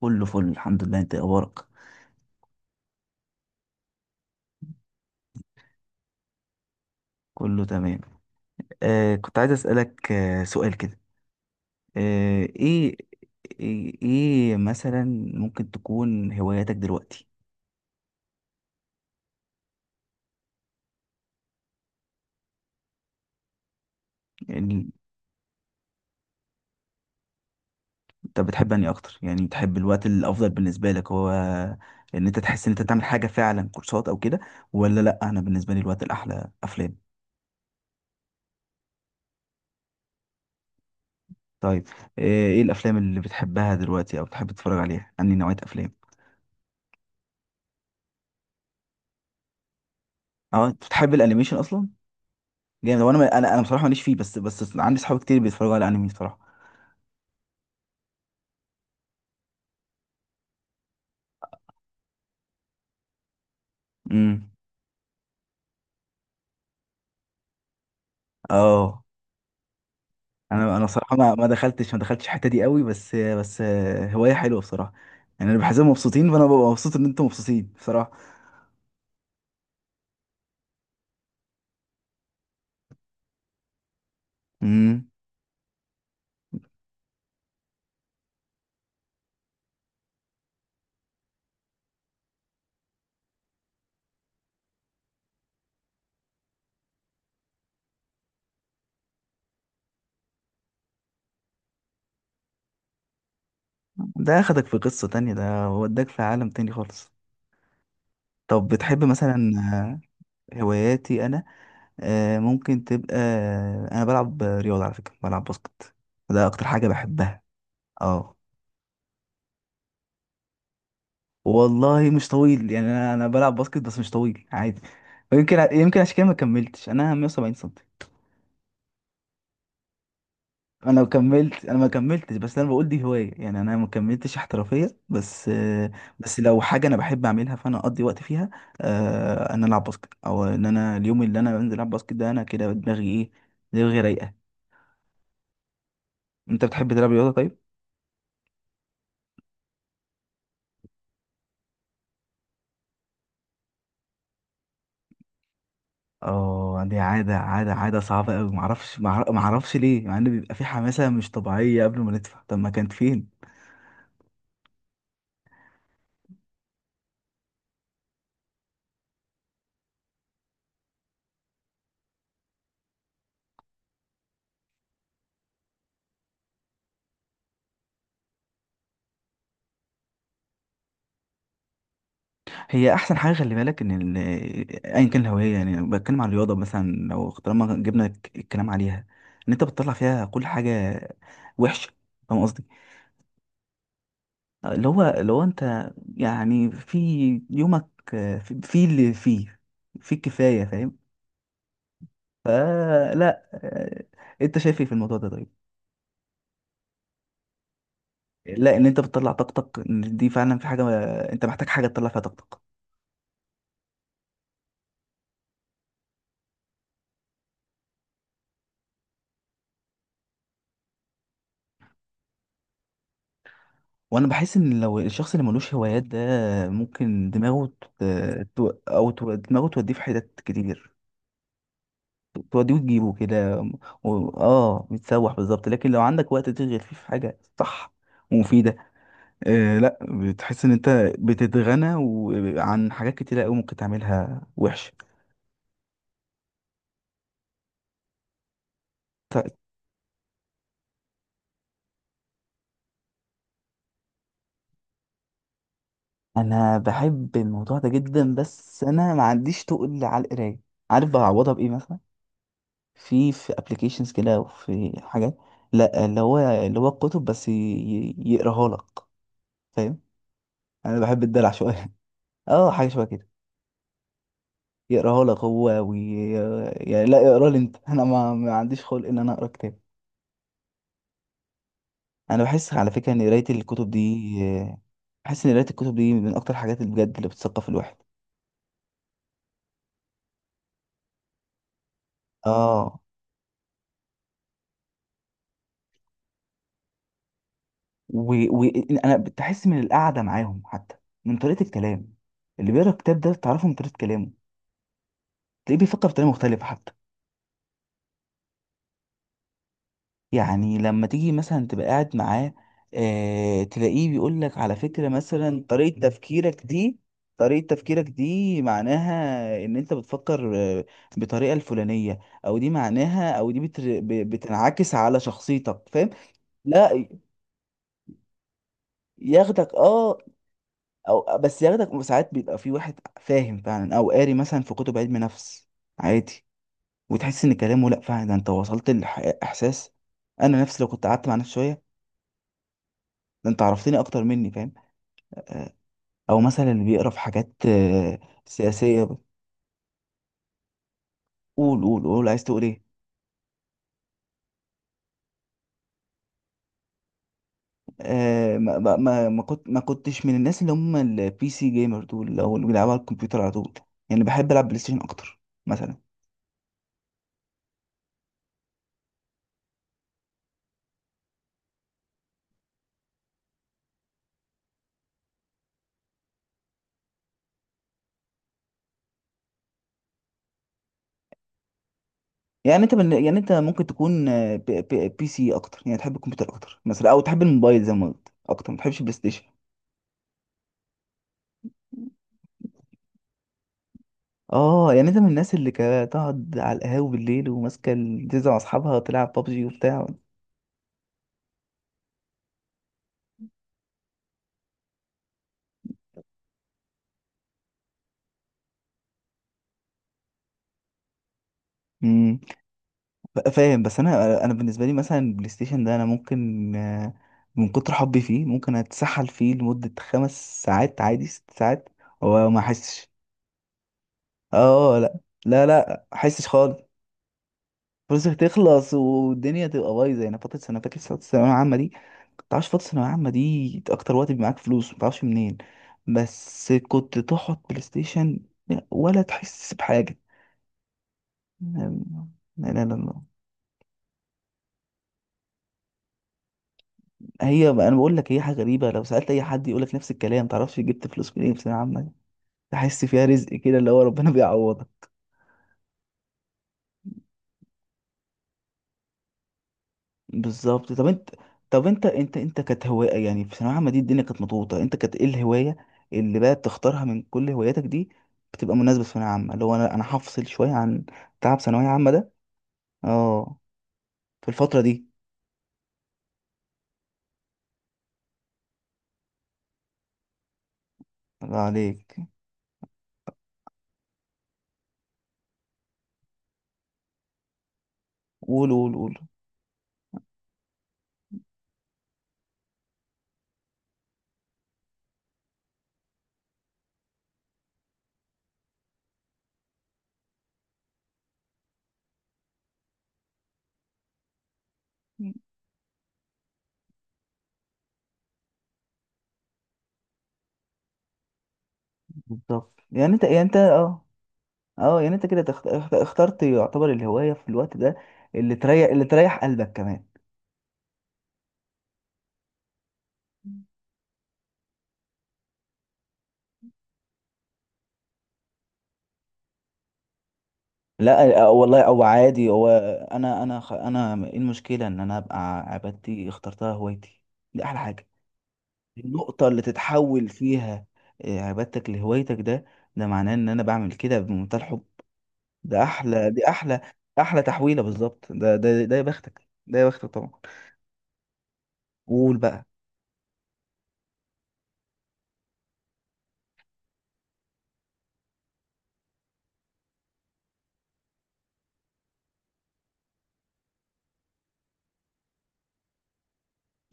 كله فل، الحمد لله، انت إيه اخبارك؟ كله تمام. آه، كنت عايز اسالك سؤال كده. آه، ايه. ايه مثلا؟ ممكن تكون هواياتك دلوقتي؟ يعني، انت بتحب اني اكتر، يعني بتحب الوقت الافضل بالنسبه لك هو ان انت تحس ان انت تعمل حاجه فعلا، كورسات او كده؟ ولا لا؟ انا بالنسبه لي الوقت الاحلى افلام. طيب. آه ايه الافلام اللي بتحبها دلوقتي، او بتحب تتفرج عليها، انهي نوعيه افلام؟ اه، انت بتحب الانيميشن اصلا؟ جامد. وانا انا انا أنا بصراحه ماليش فيه، بس عندي صحاب كتير بيتفرجوا على الانمي بصراحه. امم. اه، انا بصراحه ما دخلتش الحته دي قوي، بس هوايه حلوه بصراحه. يعني انا بحسهم مبسوطين، فانا ببقى مبسوط ان انتم مبسوطين بصراحه. امم. ده اخدك في قصه تانية، ده وداك في عالم تاني خالص. طب، بتحب مثلا؟ هواياتي انا، ممكن تبقى. انا بلعب رياضه، على فكره بلعب باسكت. ده اكتر حاجه بحبها. اه. والله مش طويل، يعني انا بلعب باسكت بس مش طويل عادي. يمكن عشان كده ما كملتش، انا 170 سم. انا لو كملت، انا ما كملتش، بس انا بقول دي هوايه يعني، انا ما كملتش احترافيه بس. بس لو حاجه انا بحب اعملها فانا اقضي وقت فيها. ان أنا العب باسكت، او ان انا اليوم اللي انا بنزل العب باسكت، ده انا كده دماغي ايه؟ دماغي رايقه. انت بتحب تلعب رياضه؟ طيب. اه، دي عاده صعبه قوي، ما اعرفش ليه، مع ان بيبقى في حماسه مش طبيعيه قبل ما ندفع، طب ما كانت فين؟ هي احسن حاجه، خلي بالك ايا كان الهوايه، يعني بتكلم عن الرياضه مثلا، لو طالما جبنا الكلام عليها، ان انت بتطلع فيها كل حاجه وحشه. فاهم قصدي؟ اللي هو لو انت، يعني في يومك، في اللي فيه، في الكفايه فاهم؟ فلا. انت شايف ايه في الموضوع ده؟ طيب. لا، ان انت بتطلع طاقتك، إن دي فعلا في حاجه، انت محتاج حاجه تطلع فيها طاقتك. وانا بحس ان لو الشخص اللي ملوش هوايات ده، ممكن دماغه ت... دماغه توديه في حتت كتير، توديه وتجيبه كده. اه، بيتسوح بالظبط. لكن لو عندك وقت تشغل فيه في حاجه صح ومفيده، لا، بتحس ان انت بتتغنى عن حاجات كتيره قوي ممكن تعملها وحش. ط- انا بحب الموضوع ده جدا، بس انا ما عنديش تقل على القرايه. عارف بعوضها بايه مثلا؟ في ابلكيشنز كده وفي حاجات. لا، اللي هو الكتب بس يقراها لك. فاهم؟ انا بحب الدلع شويه. اه، حاجه شبه كده. يقراها لك هو يعني لا، اقرا لي انت. انا ما عنديش خلق ان انا اقرا كتاب. انا بحس على فكره ان قرايه الكتب دي، بحس ان قرايه الكتب دي من اكتر الحاجات اللي بجد اللي بتثقف الواحد. اه، أنا بتحس من القعده معاهم حتى، من طريقه الكلام. اللي بيقرا الكتاب ده بتعرفه من طريقه كلامه. تلاقيه بيفكر بطريقه مختلفه حتى. يعني لما تيجي مثلا تبقى قاعد معاه، تلاقيه بيقول لك على فكرة مثلا طريقة تفكيرك دي، طريقة تفكيرك دي معناها ان انت بتفكر، بطريقة الفلانية، او دي معناها، او دي بتر... ب- بتنعكس على شخصيتك، فاهم؟ لا. ياخدك، اه. او بس ياخدك ساعات، بيبقى في واحد فاهم فعلا او قاري مثلا في كتب علم نفس، عادي. وتحس ان كلامه، لا فعلا، ده انت وصلت لاحساس. انا نفسي لو كنت قعدت مع نفسي شوية، ده انت عرفتني اكتر مني، فاهم؟ آه، او مثلا اللي بيقرا في حاجات سياسيه. قول، قول، قول، عايز تقول ايه. ما كنتش من الناس اللي هم البي سي جيمر دول، او اللي بيلعبوا على الكمبيوتر على طول. يعني بحب العب بلاي ستيشن اكتر مثلا. يعني انت من يعني انت ممكن تكون بي سي اكتر، يعني تحب الكمبيوتر اكتر مثلا، او تحب الموبايل زي ما قلت اكتر، ما تحبش البلاي ستيشن. اه، يعني انت من الناس اللي كانت تقعد على القهاوي بالليل وماسكه تنزل مع اصحابها تلعب بابجي وبتاع؟ فاهم؟ بس انا بالنسبه لي مثلا البلاي ستيشن ده انا ممكن، من كتر حبي فيه ممكن اتسحل فيه لمده 5 ساعات عادي، 6 ساعات، وما احسش. اه، لا احسش خالص. فلوسك تخلص والدنيا تبقى بايظه، يعني فتره سنه، فاكر فتره الثانويه العامه دي؟ ما تعرفش، فتره الثانويه العامه دي اكتر وقت بيبقى معاك فلوس ما تعرفش منين. بس كنت تقعد بلاي ستيشن ولا تحس بحاجه. لا، لا، لا، لا. هي انا بقول لك هي حاجه غريبه، لو سالت اي حد يقول لك نفس الكلام، تعرفش جبت فلوس منين في ثانويه عامه؟ تحس فيها رزق كده، اللي هو ربنا بيعوضك. بالظبط. طب انت، طب انت كانت هوايه يعني في ثانويه عامه دي، الدنيا كانت مضغوطه، انت كانت ايه الهوايه اللي بقى بتختارها من كل هواياتك دي، بتبقى مناسبه في ثانويه عامه؟ اللي هو انا هفصل شويه عن تعب ثانويه عامه ده. اه، في الفتره دي. الله عليك. قول، قول، قول. بالظبط، يعني انت اه، اه، يعني انت كده اخترت يعتبر الهواية في الوقت ده. اللي تريح قلبك كمان. لا، والله او عادي هو. انا، ايه المشكلة ان انا ابقى عبادتي اخترتها هوايتي؟ دي احلى حاجة. النقطة اللي تتحول فيها عبادتك لهوايتك، ده ده معناه ان انا بعمل كده بمنتهى الحب. ده احلى، دي احلى. احلى تحويلة بالظبط، ده يا بختك، ده يا بختك طبعا. وقول بقى.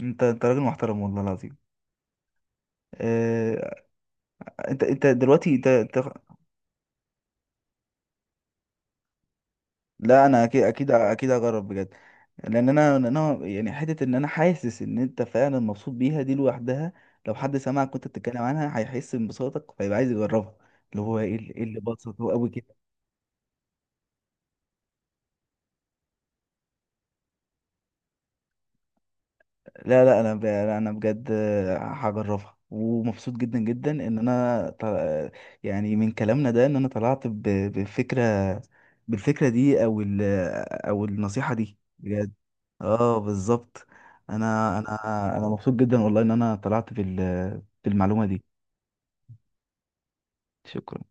انت راجل محترم والله العظيم. آه، انت دلوقتي انت. لا، انا اكيد اكيد اكيد هجرب بجد. لان انا لأن انا يعني حته ان انا حاسس ان انت فعلا مبسوط بيها دي لوحدها، لو حد سمعك وانت بتتكلم عنها هيحس بانبساطك، فيبقى عايز يجربها. اللي هو ايه اللي اللي بسطه قوي؟ لا، انا بجد هجربها، ومبسوط جدا جدا ان انا يعني من كلامنا ده ان انا طلعت بفكره، بالفكره دي او النصيحه دي بجد. اه، بالظبط. انا مبسوط جدا والله ان انا طلعت بالمعلومه دي. شكرا.